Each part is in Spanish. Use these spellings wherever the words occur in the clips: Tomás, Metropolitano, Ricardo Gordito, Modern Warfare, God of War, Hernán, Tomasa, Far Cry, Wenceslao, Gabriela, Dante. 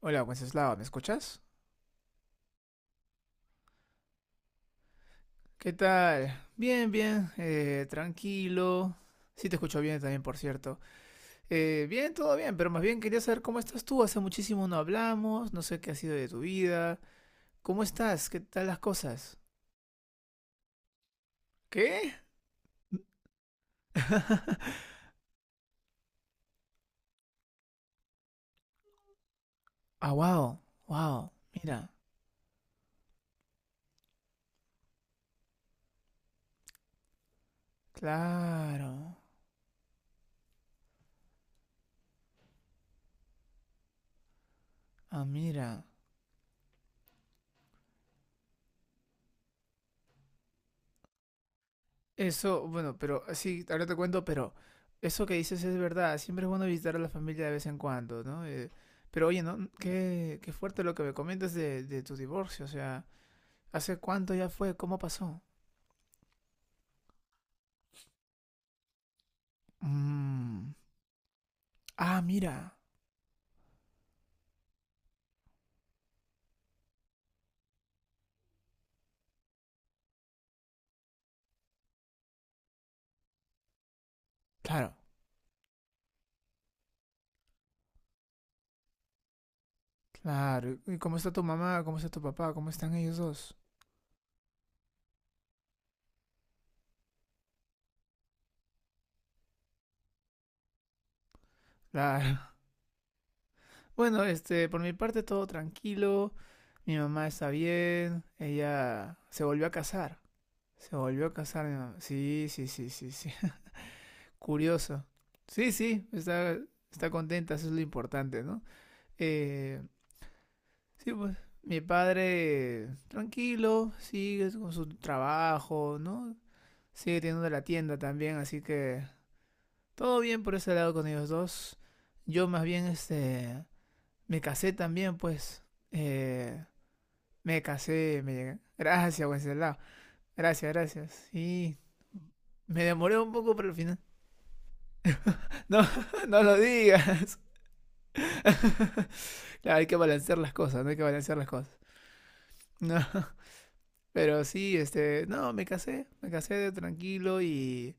Hola, Wenceslao, ¿me escuchas? ¿Qué tal? Bien, bien, tranquilo. Sí, te escucho bien también, por cierto. Bien, todo bien, pero más bien quería saber cómo estás tú. Hace muchísimo no hablamos, no sé qué ha sido de tu vida. ¿Cómo estás? ¿Qué tal las cosas? ¿Qué? Ah, wow, wow, mira. Claro. Ah, mira. Eso, bueno, pero sí, ahora te cuento, pero eso que dices es verdad. Siempre es bueno visitar a la familia de vez en cuando, ¿no? Pero oye, ¿no? Qué fuerte lo que me comentas de tu divorcio. O sea, ¿hace cuánto ya fue? ¿Cómo pasó? Mm. Ah, mira. Claro, claro. ¿Y cómo está tu mamá? ¿Cómo está tu papá? ¿Cómo están ellos dos? Claro. Bueno, por mi parte todo tranquilo. Mi mamá está bien. Ella se volvió a casar. Se volvió a casar, mi mamá. Sí, sí, sí, sí, sí. Curioso. Sí, sí, está contenta, eso es lo importante, ¿no? Eh, sí, pues mi padre tranquilo, sigue con su trabajo, ¿no? Sigue teniendo la tienda también, así que todo bien por ese lado con ellos dos. Yo más bien me casé también, pues. Eh, Me casé, me llegué. Gracias, Wenceslao. Gracias, gracias. Sí, me demoré un poco, pero al final. No, no lo digas. Claro, hay que balancear las cosas, no hay que balancear las cosas. No. Pero sí, no, me casé de tranquilo y,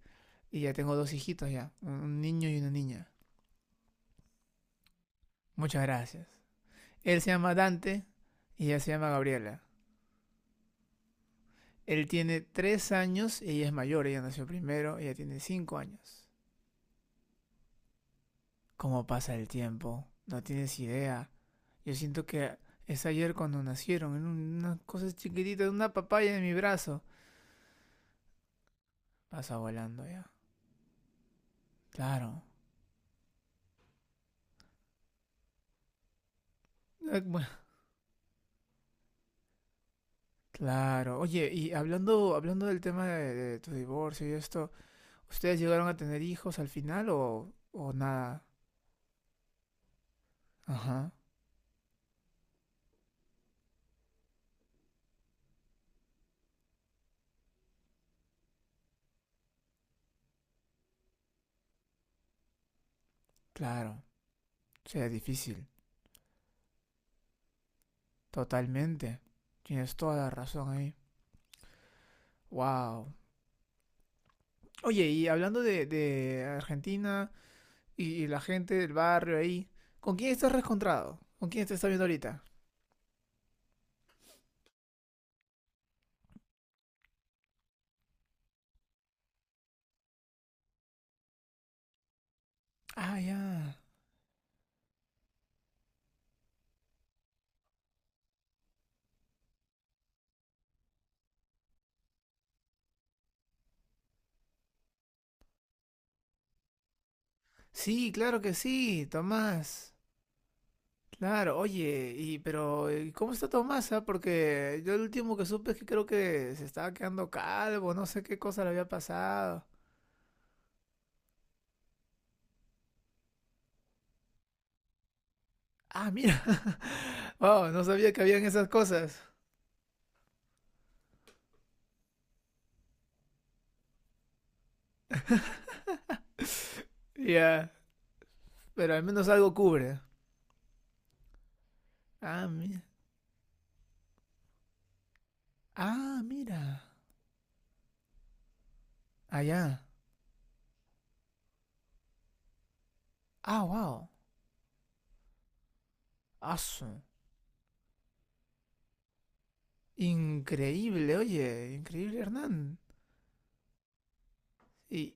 y ya tengo dos hijitos ya, un niño y una niña. Muchas gracias. Él se llama Dante y ella se llama Gabriela. Él tiene 3 años y ella es mayor, ella nació primero, ella tiene 5 años. ¿Cómo pasa el tiempo? No tienes idea. Yo siento que es ayer cuando nacieron, en una cosa chiquitita, en una papaya en mi brazo. Pasa volando ya. Claro. Eh, Claro. Oye, y hablando del tema de tu divorcio y esto, ¿ustedes llegaron a tener hijos al final o nada? Ajá, claro. O sea, difícil. Totalmente. Tienes toda la razón ahí. Wow. Oye, y hablando de Argentina y la gente del barrio ahí, ¿con quién estás reencontrado? ¿Con quién te estás viendo ahorita? Ah, ya. Sí, claro que sí, Tomás. Claro, oye, y pero ¿y cómo está Tomasa? Porque yo el último que supe es que creo que se estaba quedando calvo, no sé qué cosa le había pasado. Ah, mira. Wow, no sabía que habían esas cosas. Ya, pero al menos algo cubre. Ah, mira. Ah, mira. Allá. Ah, wow. Aso. Increíble, oye, increíble, Hernán. Y,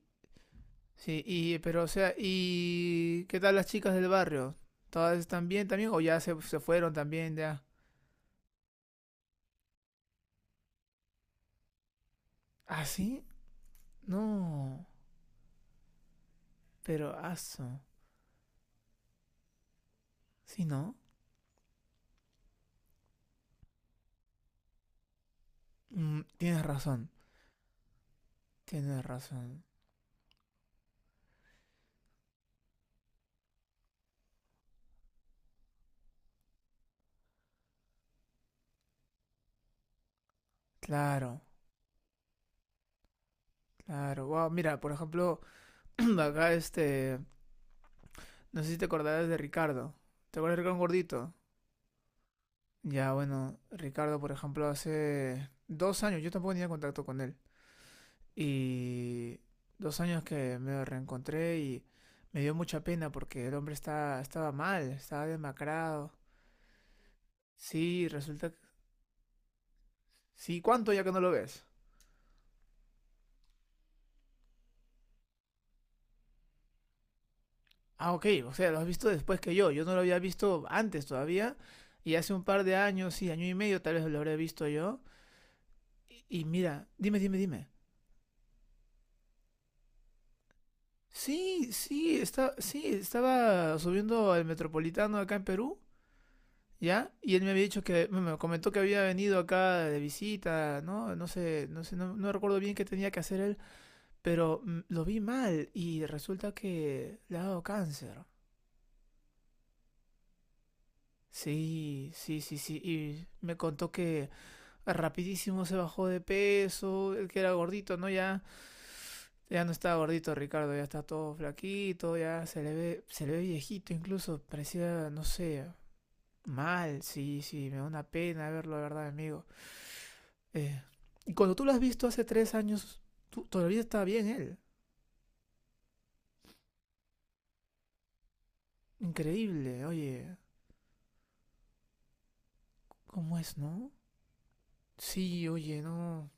Sí, y, pero o sea, ¿y qué tal las chicas del barrio? ¿Todas están bien también o ya se fueron también ya? ¿Ah, sí? No, pero aso. ¿Sí, no? Tienes razón, tienes razón. Claro, claro. Wow, mira, por ejemplo, acá no sé si te acordarás de Ricardo. ¿Te acuerdas de Ricardo Gordito? Ya, bueno, Ricardo, por ejemplo, hace 2 años yo tampoco tenía contacto con él. Y 2 años que me reencontré y me dio mucha pena porque el hombre estaba mal, estaba demacrado. Sí, resulta que... Sí, ¿cuánto ya que no lo ves? Ah, ok, o sea, lo has visto después que yo. Yo no lo había visto antes todavía. Y hace un par de años, sí, año y medio tal vez lo habré visto yo. Y mira, dime, dime, dime. Sí, sí, sí, estaba subiendo al Metropolitano acá en Perú. ¿Ya? Y él me había dicho que, me comentó que había venido acá de visita, ¿no? No sé, no sé, no recuerdo bien qué tenía que hacer él, pero lo vi mal y resulta que le ha dado cáncer. Sí, sí, sí, sí. Y me contó que rapidísimo se bajó de peso, el que era gordito, ¿no? Ya, ya no está gordito Ricardo, ya está todo flaquito, ya se le ve viejito incluso, parecía, no sé, mal, sí, sí, me da una pena verlo, la verdad, amigo. Eh, y cuando tú lo has visto hace 3 años, tú, todavía está bien él. Increíble, oye, ¿cómo es, no? Sí, oye, no.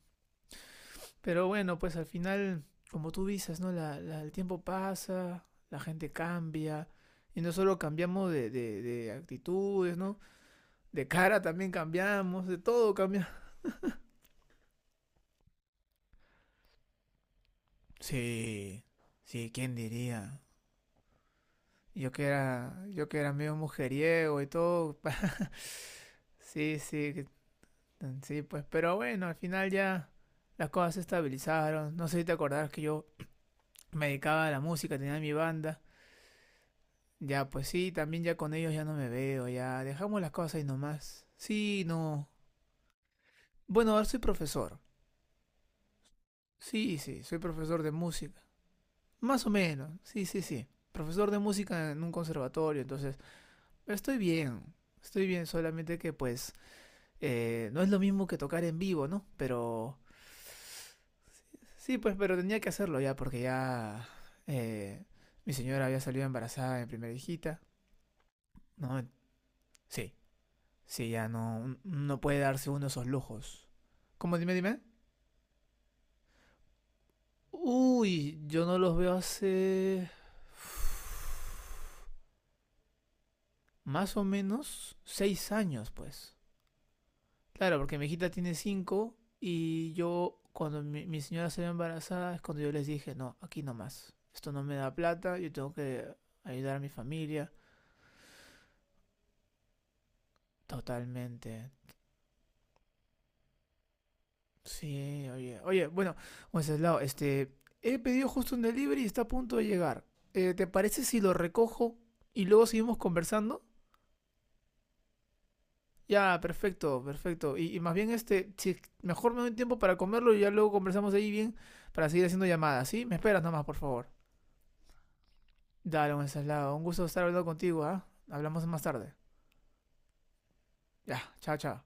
Pero bueno, pues al final, como tú dices, ¿no? El tiempo pasa, la gente cambia. Y no solo cambiamos de, de actitudes, ¿no? De cara también cambiamos, de todo cambia. Sí, sí, ¿quién diría? Yo que era medio mujeriego y todo. sí, sí, sí, pues, pero bueno, al final ya las cosas se estabilizaron. No sé si te acordás que yo me dedicaba a la música, tenía mi banda. Ya, pues sí, también ya con ellos ya no me veo, ya dejamos las cosas ahí nomás. Sí, no. Bueno, ahora soy profesor. Sí, sí, soy profesor de música. Más o menos, sí, sí, sí. Profesor de música en un conservatorio, entonces estoy bien, estoy bien, solamente que pues no es lo mismo que tocar en vivo, ¿no? Pero sí, pues, pero tenía que hacerlo ya, porque ya eh, mi señora había salido embarazada de mi primera hijita. No, sí, sí, ya no puede darse uno esos lujos. ¿Cómo? Dime, dime. Uy, yo no los veo hace más o menos 6 años, pues. Claro, porque mi hijita tiene cinco y yo, cuando mi señora se ve embarazada, es cuando yo les dije, no, aquí no más. Esto no me da plata, yo tengo que ayudar a mi familia. Totalmente. Sí, oye, oye, bueno, Wenceslao, he pedido justo un delivery y está a punto de llegar. ¿Te parece si lo recojo y luego seguimos conversando? Ya, perfecto, perfecto. Y más bien, si mejor me doy tiempo para comerlo y ya luego conversamos ahí bien para seguir haciendo llamadas, ¿sí? Me esperas nomás, por favor. Dale, Wenceslao, un gusto estar hablando contigo, ¿ah? Hablamos más tarde. Ya, chao, chao.